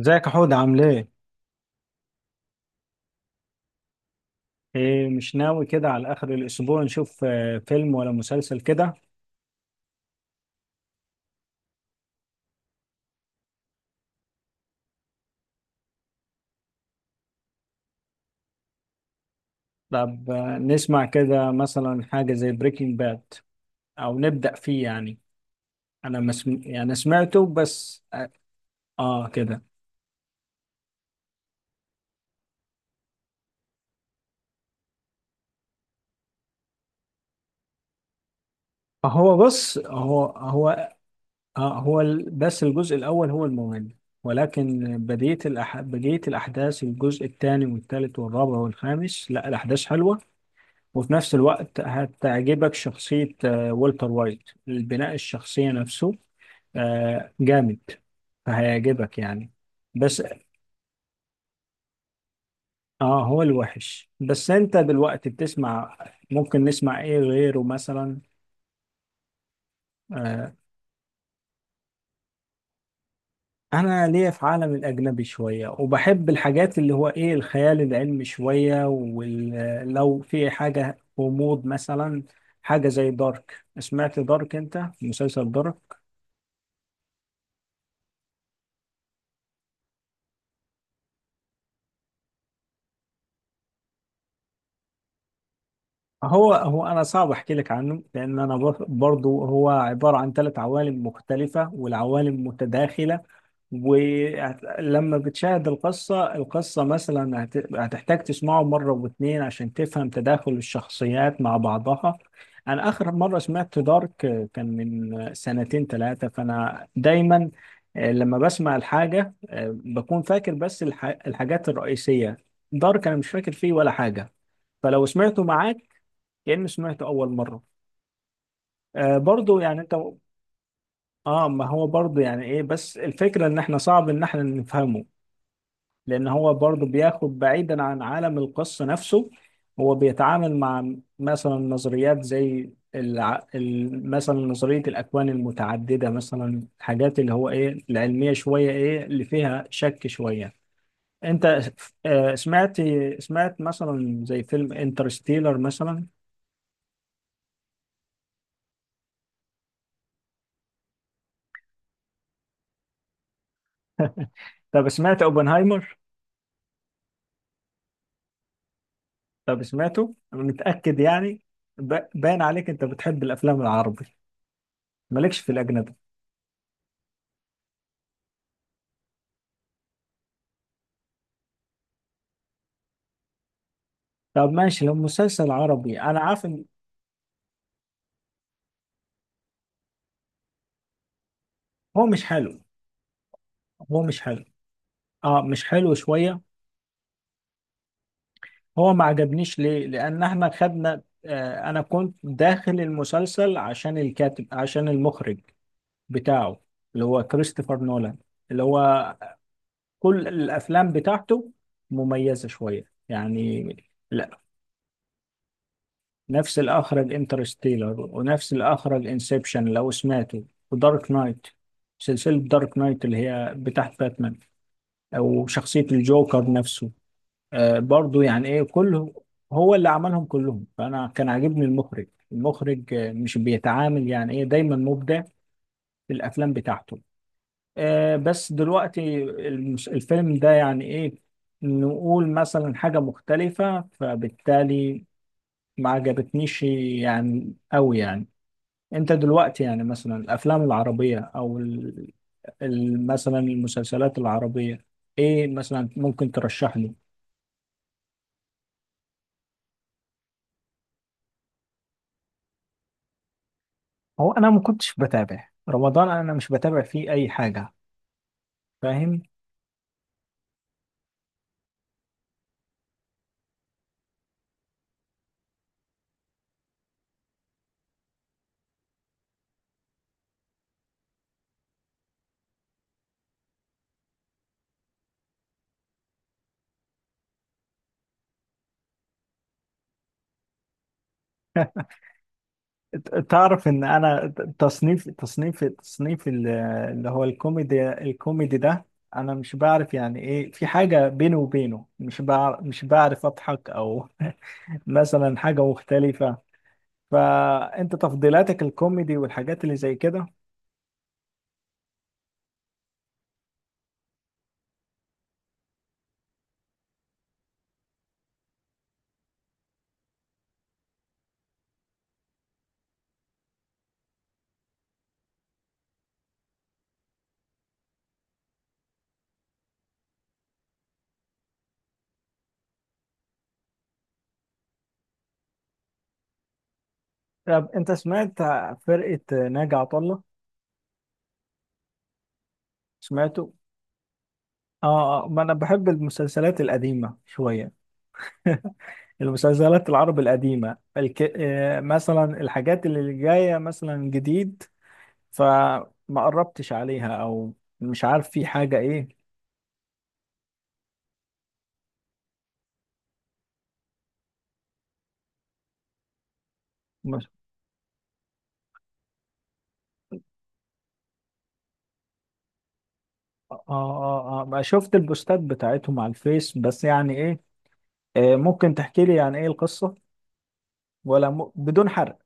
ازيك يا حود، عامل ايه؟ ايه، مش ناوي كده على اخر الاسبوع نشوف فيلم ولا مسلسل كده؟ طب نسمع كده مثلا حاجة زي بريكنج باد، او نبدأ فيه يعني. انا ما سم... يعني سمعته بس كده. هو بص، هو. هو بس الجزء الاول هو المهم، ولكن بديت الاحداث الجزء الثاني والثالث والرابع والخامس. لا، الاحداث حلوة، وفي نفس الوقت هتعجبك شخصية والتر وايت. البناء الشخصية نفسه جامد، فهيعجبك يعني. بس اه، هو الوحش. بس انت دلوقتي بتسمع، ممكن نسمع ايه غيره مثلا؟ آه، انا ليا في عالم الاجنبي شوية، وبحب الحاجات اللي هو ايه الخيال العلمي شوية، ولو في حاجة غموض مثلا، حاجة زي دارك. سمعت دارك؟ انت مسلسل دارك؟ هو انا صعب احكي لك عنه، لان انا برضو هو عباره عن ثلاث عوالم مختلفه والعوالم متداخله. ولما بتشاهد القصه مثلا هتحتاج تسمعه مره واثنين عشان تفهم تداخل الشخصيات مع بعضها. انا اخر مره سمعت دارك كان من سنتين ثلاثه، فانا دايما لما بسمع الحاجه بكون فاكر بس الحاجات الرئيسيه. دارك انا مش فاكر فيه ولا حاجه، فلو سمعته معاك كأني سمعته أول مرة. آه، برضو يعني أنت. آه، ما هو برضو يعني إيه، بس الفكرة إن إحنا صعب إن إحنا نفهمه، لأن هو برضو بياخد بعيدا عن عالم القصة نفسه. هو بيتعامل مع مثلا نظريات زي مثلا نظرية الأكوان المتعددة، مثلا حاجات اللي هو إيه العلمية شوية، إيه اللي فيها شك شوية. أنت آه سمعت سمعت مثلا زي فيلم انترستيلر مثلا؟ طب سمعت اوبنهايمر؟ طب سمعته انا متاكد يعني. باين عليك انت بتحب الافلام العربي، مالكش في الاجنبي. طب ماشي، لو مسلسل عربي انا عارف ان هو مش حلو. هو مش حلو، اه مش حلو شويه. هو ما عجبنيش ليه؟ لان احنا خدنا انا كنت داخل المسلسل عشان الكاتب، عشان المخرج بتاعه، اللي هو كريستوفر نولان، اللي هو كل الافلام بتاعته مميزه شويه يعني. نفس اللي أخرج انترستيلر ونفس اللي أخرج انسبشن لو سمعته، ودارك نايت. سلسلة دارك نايت اللي هي بتاعت باتمان، أو شخصية الجوكر نفسه. آه، برضو يعني إيه، كله هو اللي عملهم كلهم. فأنا كان عاجبني المخرج مش بيتعامل يعني إيه، دايما مبدع في الأفلام بتاعته. آه، بس دلوقتي الفيلم ده يعني إيه، نقول مثلا حاجة مختلفة، فبالتالي ما عجبتنيش يعني أوي يعني. انت دلوقتي يعني مثلا الافلام العربيه، او مثلا المسلسلات العربيه، ايه مثلا ممكن ترشح لي؟ هو انا ما كنتش بتابع رمضان، انا مش بتابع فيه اي حاجه. فاهم؟ تعرف ان انا تصنيف اللي هو الكوميدي ده انا مش بعرف يعني ايه، في حاجه بيني وبينه، مش بعرف اضحك او مثلا حاجه مختلفه. فانت تفضيلاتك الكوميدي والحاجات اللي زي كده؟ طب انت سمعت فرقة ناجي عطا الله؟ سمعته اه. ما انا بحب المسلسلات القديمة شوية. المسلسلات العربي القديمة مثلا الحاجات اللي جاية مثلا جديد، فما قربتش عليها، او مش عارف في حاجة ايه. مش... اه اه اه، ما شفت البوستات بتاعتهم على الفيس، بس يعني ايه، ممكن تحكي لي يعني ايه القصة، ولا بدون حرق؟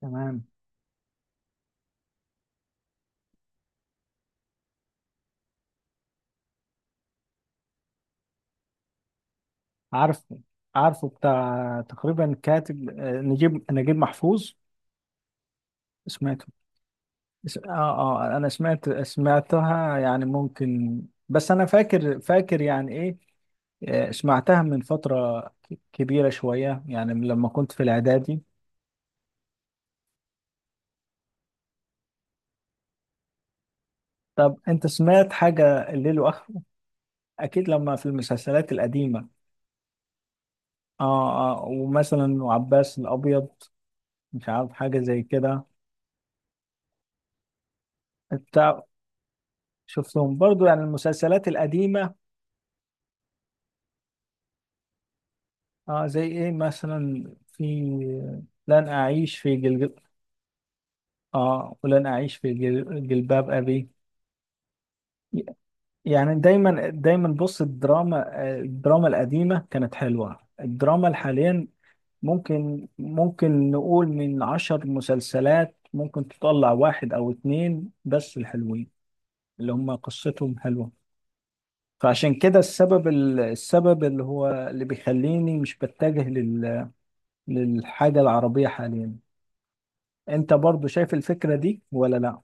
تمام. عارفه، بتاع تقريبا كاتب نجيب، محفوظ. سمعته. اه، اه انا سمعت، يعني ممكن. بس انا فاكر، يعني ايه، سمعتها من فترة كبيرة شوية، يعني من لما كنت في الاعدادي. طب انت سمعت حاجة الليل واخره؟ اكيد، لما في المسلسلات القديمة. اه اه، ومثلا وعباس الابيض، مش عارف، حاجة زي كده. انت شفتهم برضو يعني المسلسلات القديمة. اه زي ايه مثلا؟ في لن اعيش في جلجل... اه، ولن اعيش في جلباب ابي. يعني دايما بص، الدراما القديمة كانت حلوة. الدراما الحاليا ممكن نقول من عشر مسلسلات ممكن تطلع واحد او اتنين بس الحلوين، اللي هم قصتهم حلوة. فعشان كده السبب السبب اللي هو اللي بيخليني مش بتجه للحاجة العربية حاليا. انت برضو شايف الفكرة دي ولا لا؟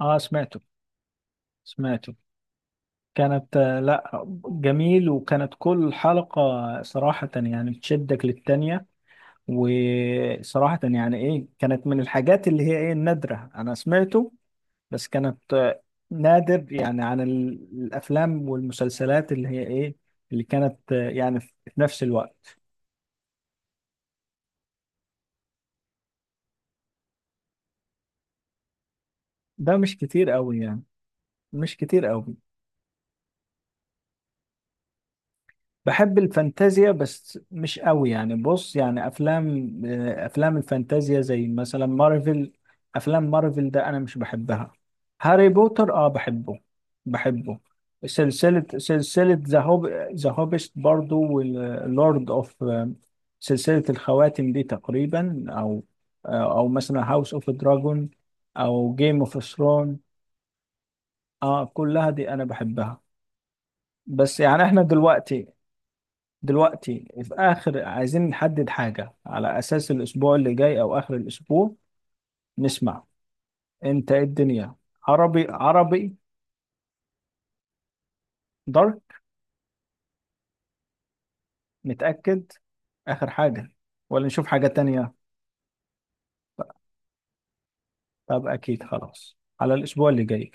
اه سمعته، سمعته كانت لا، جميل. وكانت كل حلقة صراحة يعني تشدك للتانية. وصراحة يعني ايه، كانت من الحاجات اللي هي ايه النادرة. انا سمعته، بس كانت نادر، يعني عن الافلام والمسلسلات اللي هي ايه، اللي كانت يعني في نفس الوقت. ده مش كتير قوي يعني، مش كتير قوي بحب الفانتازيا بس مش قوي يعني. بص، يعني افلام افلام الفانتازيا زي مثلا مارفل. افلام مارفل ده انا مش بحبها. هاري بوتر اه بحبه، بحبه سلسلة ذا هوب، ذا هوبست برضو، واللورد اوف، سلسلة الخواتم دي تقريبا، او او مثلا هاوس اوف دراجون، او جيم اوف ثرون. اه كلها دي انا بحبها. بس يعني احنا دلوقتي، في آخر، عايزين نحدد حاجة على أساس الأسبوع اللي جاي أو آخر الأسبوع نسمع. أنت إيه الدنيا؟ عربي، عربي، دارك؟ نتأكد آخر حاجة ولا نشوف حاجة تانية؟ طب أكيد، خلاص على الأسبوع اللي جاي.